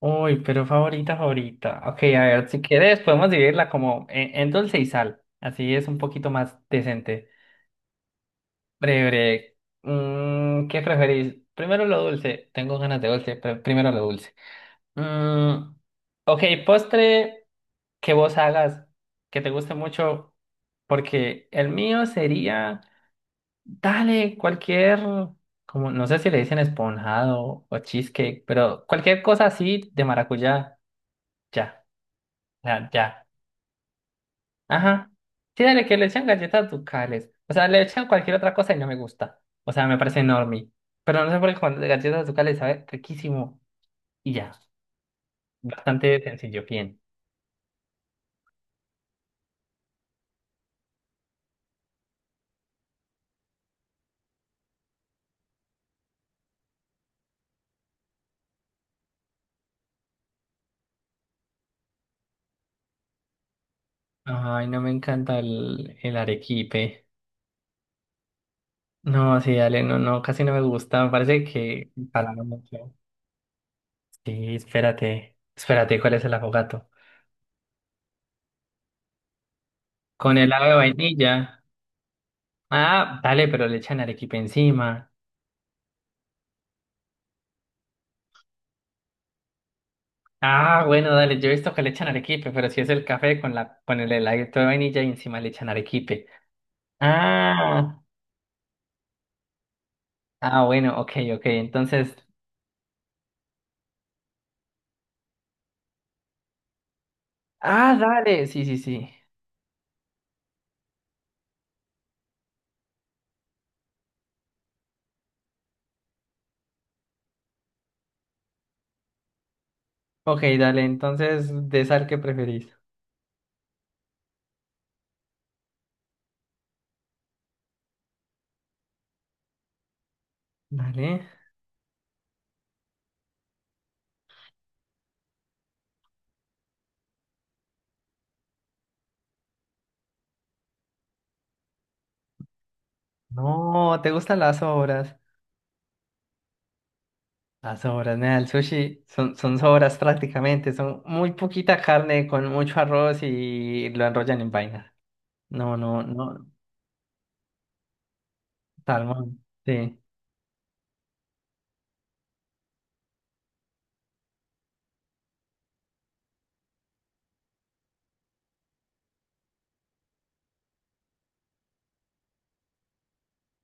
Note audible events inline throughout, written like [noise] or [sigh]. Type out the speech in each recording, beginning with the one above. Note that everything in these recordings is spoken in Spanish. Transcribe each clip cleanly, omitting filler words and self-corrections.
Uy, pero favorita, favorita. Ok, a ver, si quieres podemos dividirla como en dulce y sal. Así es un poquito más decente. Breve, ¿qué preferís? Primero lo dulce. Tengo ganas de dulce, pero primero lo dulce. Mm, ok, postre que vos hagas, que te guste mucho, porque el mío sería, dale, cualquier, como, no sé si le dicen esponjado o cheesecake, pero cualquier cosa así de maracuyá, ya, ya, ya. Ajá. Sí, dale, que le echan galletas ducales. O sea, le echan cualquier otra cosa y no me gusta. O sea, me parece enorme. Pero no sé por qué con galletas ducales sabe riquísimo. Y ya. Bastante sencillo, bien. Ay, no me encanta el arequipe. No, sí, dale, no, no, casi no me gusta. Me parece que para no mucho. Sí, espérate. Espérate, ¿cuál es el afogato? Con helado de vainilla. Ah, dale, pero le echan arequipe encima. Ah, bueno, dale, yo he visto que le echan arequipe, pero si es el café con la, con el heladito de vainilla y encima le echan arequipe. Ah, ah, bueno, ok, ok, entonces, ah, dale, sí, sí, sí. Ok, dale, entonces, ¿de sal qué preferís? Dale. No, ¿te gustan las sobras? Las sobras, nada, el sushi son sobras prácticamente, son muy poquita carne con mucho arroz y lo enrollan en vaina. No, no, no, salmón, sí.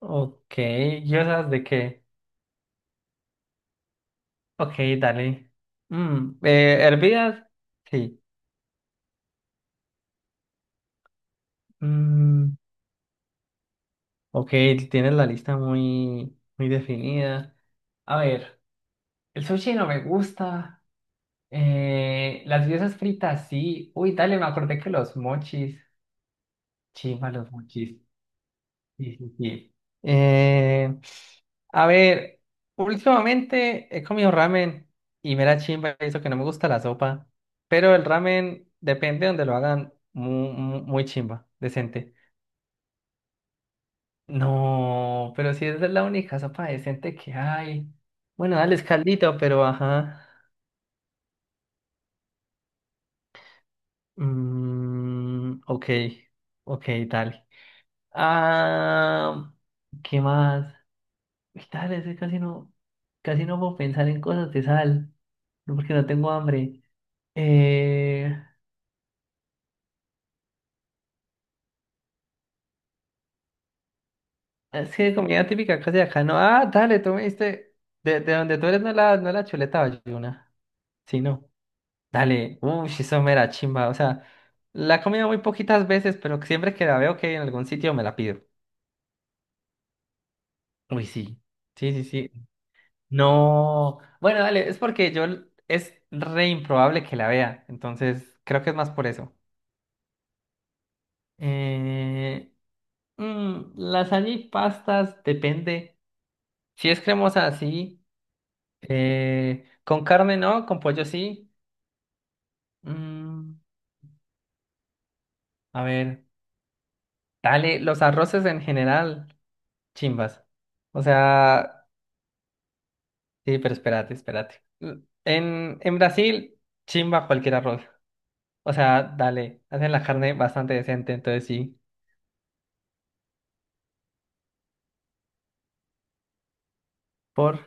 Ok, ¿y esas de qué? Ok, dale. Mm, ¿hervidas? Sí. Mm, ok, tienes la lista muy, muy definida. A ver, el sushi no me gusta. Las guisas fritas sí. Uy, dale, me acordé que los mochis. Chimba, los mochis. Sí, sí, sí. Eh, a ver, últimamente he comido ramen y me da chimba eso que no me gusta la sopa, pero el ramen depende donde lo hagan muy, chimba, decente. No, pero si esa es la única sopa decente que hay. Bueno, dale escaldito, pero ajá. Mm, ok, ok, dale. Ah, ¿qué más? Uy, dale, es que casi no puedo pensar en cosas de sal, no, porque no tengo hambre. Eh, es que comida típica casi de acá, no. Ah, dale, tú me diste. De donde tú eres no la, no la chuleta valluna. Sí, no. Dale, uy, eso me da chimba. O sea, la he comido muy poquitas veces, pero siempre que la veo que hay en algún sitio me la pido. Uy, sí. Sí, sí, sí. No. Bueno, dale, es porque yo es re improbable que la vea. Entonces, creo que es más por eso. Eh, lasaña y pastas, depende. Si es cremosa, sí. Con carne, no. Con pollo, sí. Mm, a ver, dale. Los arroces en general, chimbas. O sea, sí, pero espérate, espérate. En Brasil, chimba cualquier arroz. O sea, dale. Hacen la carne bastante decente, entonces sí. Por.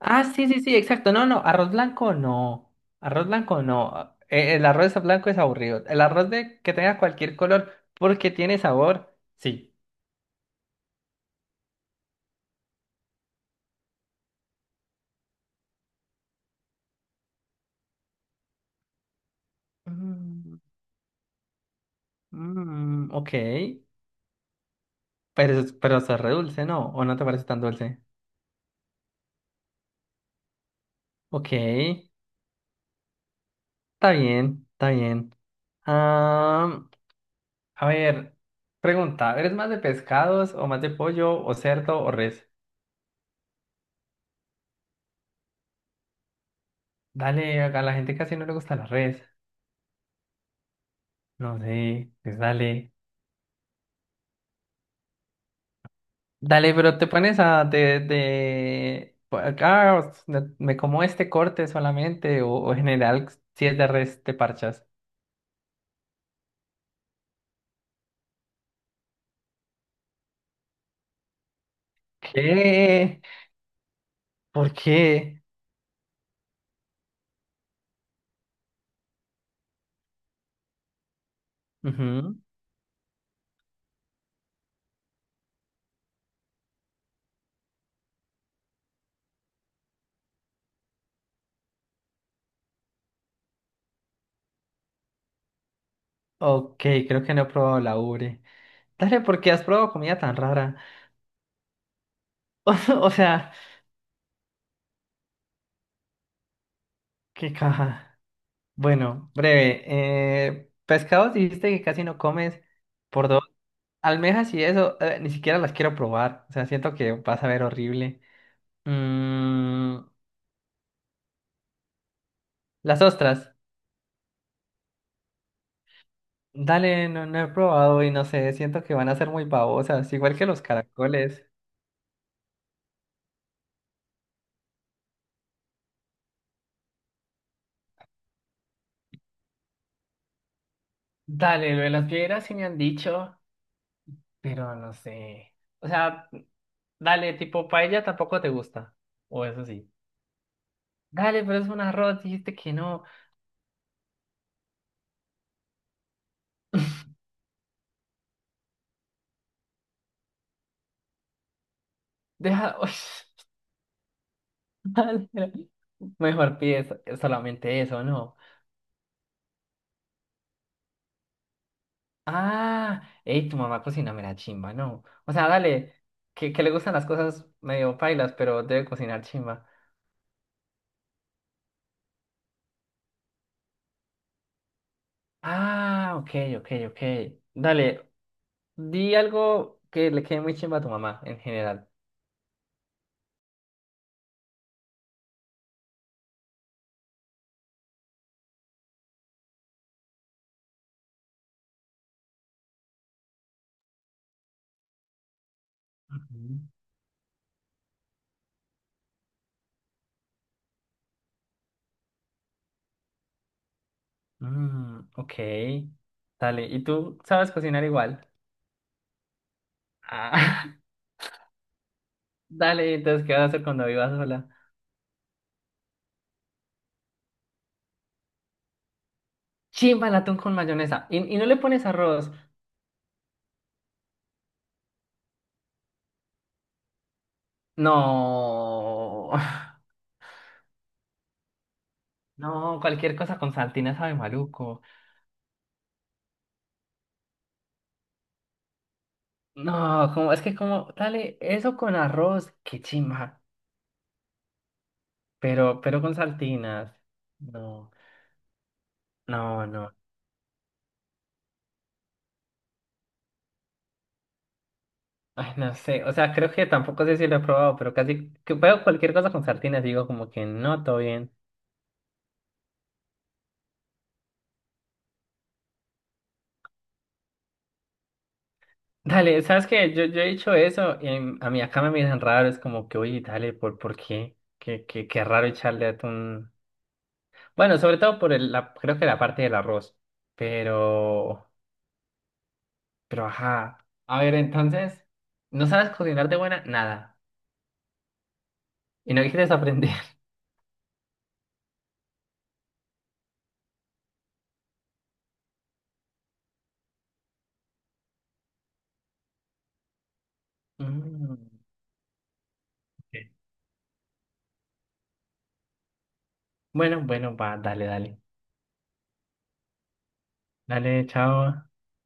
Ah, sí, sí, sí, exacto. No, no, arroz blanco no. Arroz blanco no. El arroz blanco es aburrido. El arroz de que tenga cualquier color porque tiene sabor, sí. Mm, mm, ok. Pero, pero se re dulce, ¿no? ¿O no te parece tan dulce? Ok. Está bien, está bien. Ah, a ver, pregunta, ¿eres más de pescados o más de pollo o cerdo o res? Dale, a la gente casi no le gusta la res. No sé, pues dale. Dale, pero te pones a de por acá o me como este corte solamente o en general si es de res te parchas. ¿Qué? ¿Por qué? Ujú. Ok, creo que no he probado la ubre. Dale, ¿por qué has probado comida tan rara? [laughs] O sea, qué caja. Bueno, breve. Pescados dijiste que casi no comes por dos. Almejas y eso, ni siquiera las quiero probar. O sea, siento que vas a ver horrible. Mm, las ostras. Dale, no, no he probado y no sé, siento que van a ser muy babosas, igual que los caracoles. Dale, lo de las piedras sí me han dicho, pero no sé. O sea, dale, tipo paella tampoco te gusta. O eso sí. Dale, pero es un arroz, dijiste que no. Deja. [laughs] Uy, dale. Mejor pides solamente eso, ¿no? Ah, ey, tu mamá cocina mera chimba, ¿no? O sea, dale, que le gustan las cosas medio pailas, pero debe cocinar chimba. Ah, ok, ok, ok. Dale, di algo que le quede muy chimba a tu mamá en general. Ujú. Mm, ok. Dale, ¿y tú sabes cocinar igual? Ah, [laughs] dale, entonces, ¿qué vas a hacer cuando vivas sola? Chimba el atún con mayonesa. Y no le pones arroz? No. [laughs] [sighs] No, cualquier cosa con saltina sabe maluco. No, como, es que como, dale, eso con arroz, qué chimba. Pero con saltinas. No. No, no. Ay, no sé, o sea, creo que tampoco sé si lo he probado, pero casi que veo cualquier cosa con sardinas, digo como que no, todo bien. [laughs] Dale, ¿sabes qué? Yo he dicho eso y a mí acá me miran raro, es como que, oye, dale, ¿por qué? Qué, qué, qué raro echarle atún. Bueno, sobre todo por la, creo que la parte del arroz, pero, pero ajá. A ver, entonces, ¿no sabes cocinar de buena? Nada. ¿Y no quieres aprender? [laughs] Mm, ok. Bueno, bueno, va, dale, dale. Dale, chao.